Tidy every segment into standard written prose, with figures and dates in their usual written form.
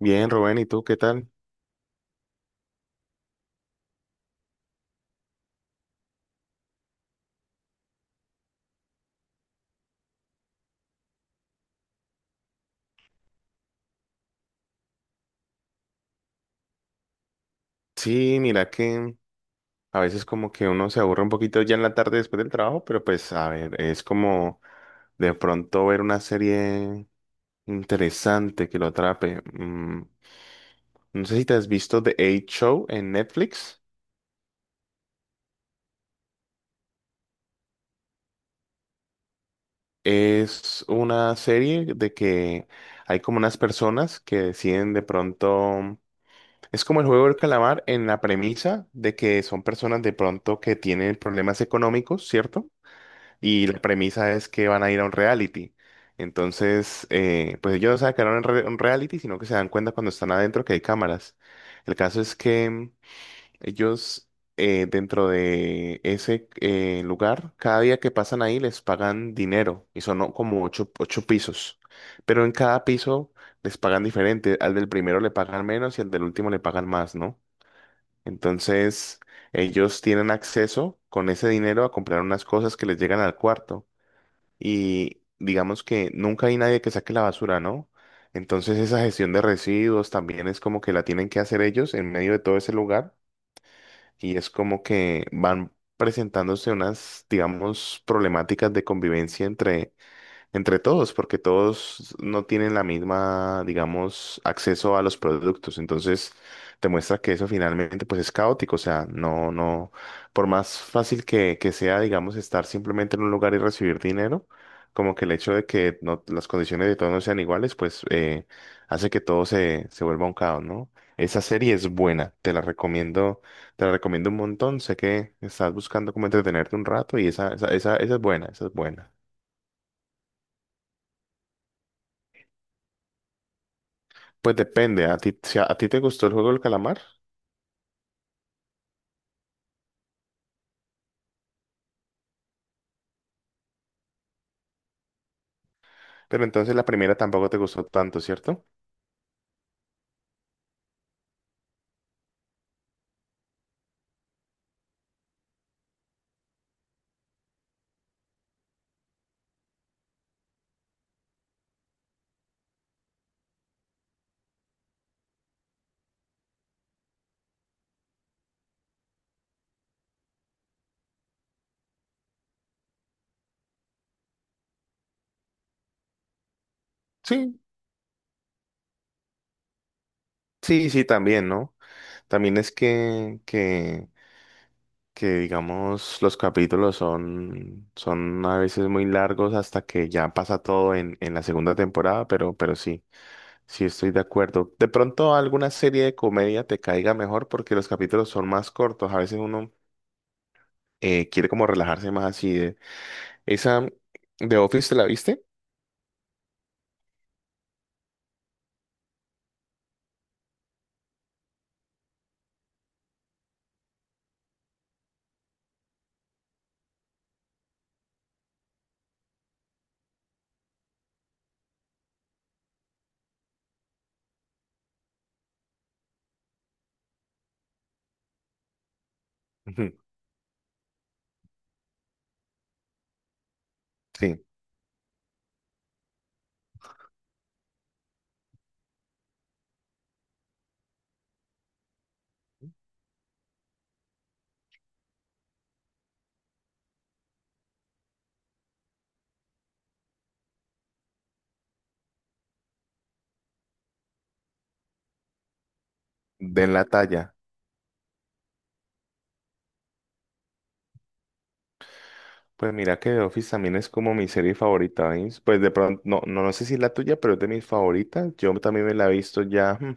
Bien, Rubén, ¿y tú qué tal? Sí, mira que a veces como que uno se aburre un poquito ya en la tarde después del trabajo, pero pues a ver, es como de pronto ver una serie interesante que lo atrape. No sé si te has visto The Eight Show en Netflix. Es una serie de que hay como unas personas que deciden de pronto. Es como el juego del calamar en la premisa de que son personas de pronto que tienen problemas económicos, ¿cierto? Y la premisa es que van a ir a un reality. Entonces, pues ellos no saben que era un reality, sino que se dan cuenta cuando están adentro que hay cámaras. El caso es que ellos dentro de ese lugar, cada día que pasan ahí les pagan dinero y son, ¿no?, como ocho pisos. Pero en cada piso les pagan diferente. Al del primero le pagan menos y al del último le pagan más, ¿no? Entonces, ellos tienen acceso con ese dinero a comprar unas cosas que les llegan al cuarto, y digamos que nunca hay nadie que saque la basura, ¿no? Entonces esa gestión de residuos también es como que la tienen que hacer ellos en medio de todo ese lugar, y es como que van presentándose unas, digamos, problemáticas de convivencia entre todos, porque todos no tienen la misma, digamos, acceso a los productos. Entonces, te muestra que eso finalmente pues es caótico. O sea, no, no, por más fácil que sea, digamos, estar simplemente en un lugar y recibir dinero, como que el hecho de que no, las condiciones de todos no sean iguales, pues hace que todo se vuelva un caos, ¿no? Esa serie es buena, te la recomiendo un montón. Sé que estás buscando como entretenerte un rato, y esa es buena, esa es buena. Pues depende, a ti, si a ti te gustó el juego del calamar, pero entonces la primera tampoco te gustó tanto, ¿cierto? Sí, sí, sí, también, ¿no? También es que, digamos, los capítulos son a veces muy largos hasta que ya pasa todo en, la segunda temporada, pero sí, sí estoy de acuerdo. De pronto alguna serie de comedia te caiga mejor porque los capítulos son más cortos, a veces uno quiere como relajarse más así de. ¿Esa de Office te la viste? Ujú. Sí. Den la talla. Pues mira que The Office también es como mi serie favorita, ¿veis? Pues de pronto, no, no, no sé si es la tuya, pero es de mis favoritas. Yo también me la he visto ya,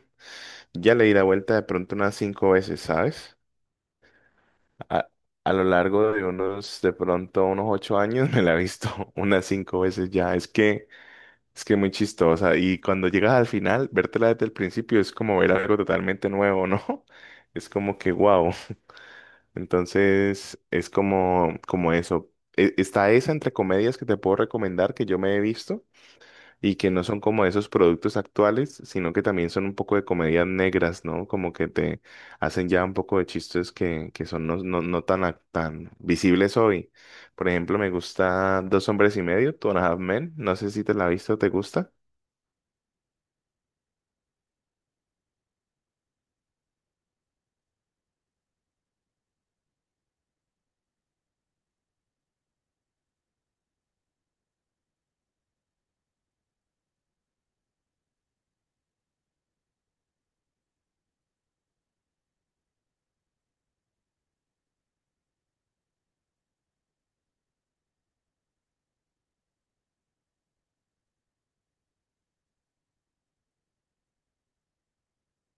ya le di la vuelta de pronto unas cinco veces, ¿sabes? A, a lo largo de unos, de pronto unos 8 años me la he visto unas cinco veces ya. Es que muy chistosa. Y cuando llegas al final, vértela desde el principio es como ver algo totalmente nuevo, ¿no? Es como que wow. Entonces, es como, eso. Está esa entre comedias que te puedo recomendar que yo me he visto y que no son como esos productos actuales, sino que también son un poco de comedias negras, ¿no? Como que te hacen ya un poco de chistes que, son no, no, no tan, tan visibles hoy. Por ejemplo, me gusta Dos Hombres y Medio, Two and a Half Men. No sé si te la has visto, ¿te gusta?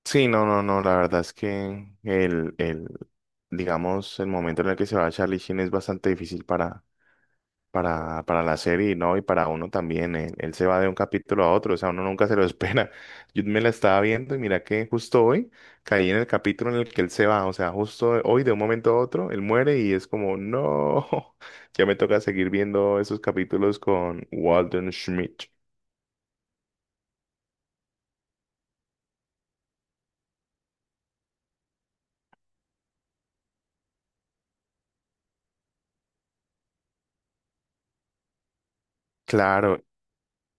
Sí, no, no, no, la verdad es que el, digamos, el momento en el que se va Charlie Sheen es bastante difícil para la serie y no, y para uno también. Él se va de un capítulo a otro, o sea, uno nunca se lo espera. Yo me la estaba viendo y mira que justo hoy caí en el capítulo en el que él se va, o sea, justo hoy de un momento a otro, él muere y es como, no, ya me toca seguir viendo esos capítulos con Walden Schmidt. Claro.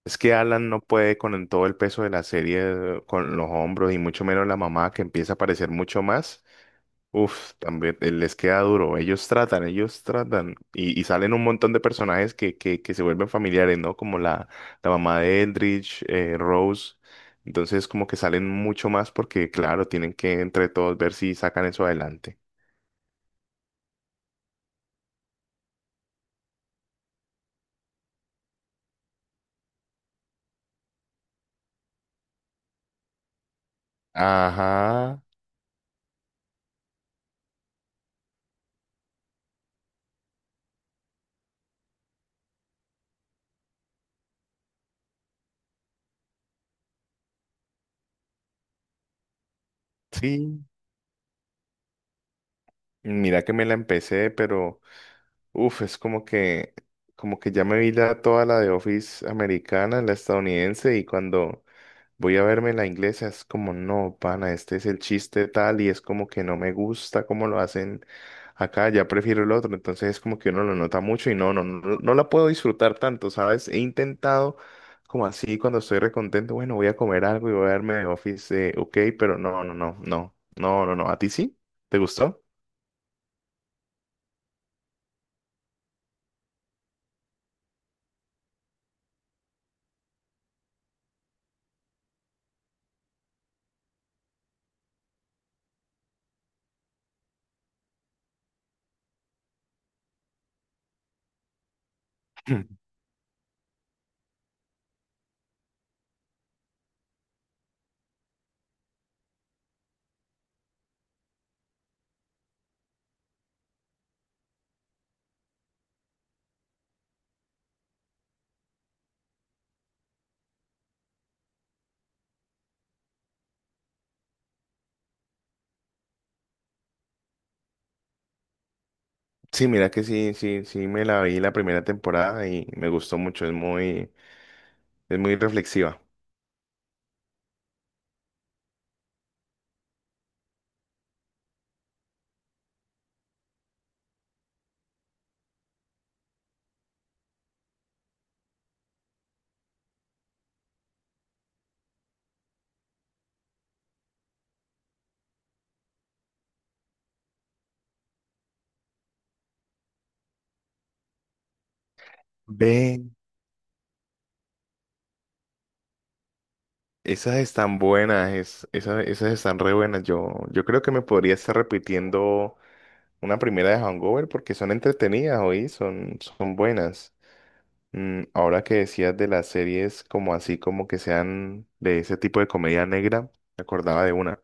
Es que Alan no puede con todo el peso de la serie, con los hombros, y mucho menos la mamá que empieza a aparecer mucho más. Uf, también les queda duro. Ellos tratan, ellos tratan. Y salen un montón de personajes que, se vuelven familiares, ¿no? Como la mamá de Eldridge, Rose. Entonces, como que salen mucho más porque, claro, tienen que entre todos ver si sacan eso adelante. Ajá, sí. Mira que me la empecé, pero uf, es como que ya me vi toda la de Office americana, la estadounidense, y cuando. Voy a verme la inglesa, es como, no, pana, este es el chiste tal, y es como que no me gusta cómo lo hacen acá, ya prefiero el otro, entonces es como que uno lo nota mucho y no, no, no, no la puedo disfrutar tanto, ¿sabes? He intentado como así cuando estoy recontento, bueno, voy a comer algo y voy a verme de Office, ok, pero no, no, no, no, no, no, no, ¿a ti sí? ¿Te gustó? Sí, mira que sí, sí, sí, me la vi la primera temporada y me gustó mucho, es muy. Es muy reflexiva. Ve, esas están buenas, esas están re buenas. Yo creo que me podría estar repitiendo una primera de Hangover porque son entretenidas, hoy son, buenas. Ahora que decías de las series como así, como que sean de ese tipo de comedia negra, me acordaba de una.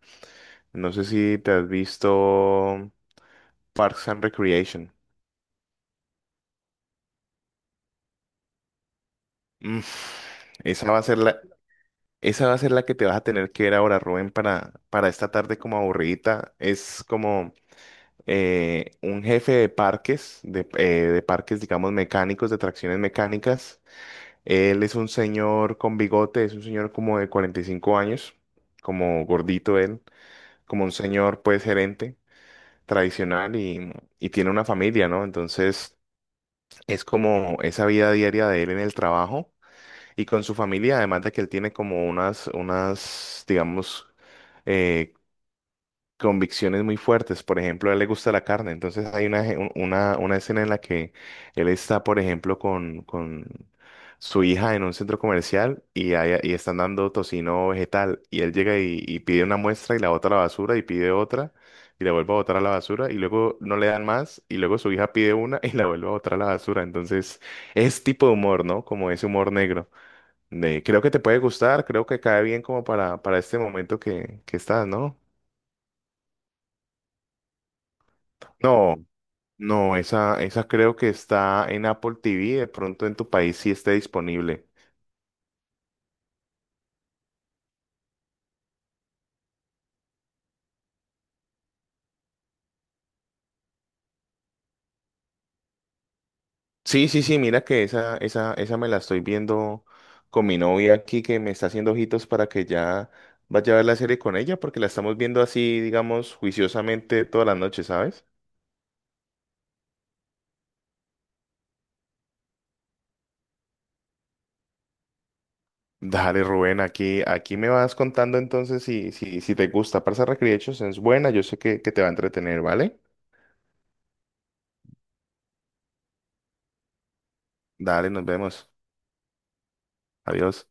No sé si te has visto Parks and Recreation. Mm, esa va a ser la, Esa va a ser la que te vas a tener que ver ahora, Rubén, para, esta tarde como aburridita. Es como un jefe de parques, de parques, digamos, mecánicos, de tracciones mecánicas. Él es un señor con bigote, es un señor como de 45 años, como gordito él, como un señor, pues, gerente tradicional, y tiene una familia, ¿no? Entonces, es como esa vida diaria de él en el trabajo y con su familia, además de que él tiene como unas, digamos, eh, convicciones muy fuertes. Por ejemplo, a él le gusta la carne. Entonces hay una, je- un- una escena en la que él está, por ejemplo, con su hija en un centro comercial, y están dando tocino vegetal. Y él llega y pide una muestra y la bota a la basura y pide otra y la vuelve a botar a la basura, y luego no le dan más, y luego su hija pide una y la vuelve a botar a la basura. Entonces es tipo de humor, ¿no? Como ese humor negro. Creo que te puede gustar, creo que cae bien como para, este momento que estás, ¿no? No, no, esa creo que está en Apple TV, de pronto en tu país sí esté disponible. Sí, sí, sí, mira que esa me la estoy viendo con mi novia aquí que me está haciendo ojitos para que ya vaya a ver la serie con ella, porque la estamos viendo así, digamos, juiciosamente todas las noches, ¿sabes? Dale, Rubén, aquí me vas contando entonces si, te gusta. Parsa Recreations es buena, yo sé que te va a entretener, ¿vale? Dale, nos vemos. Adiós.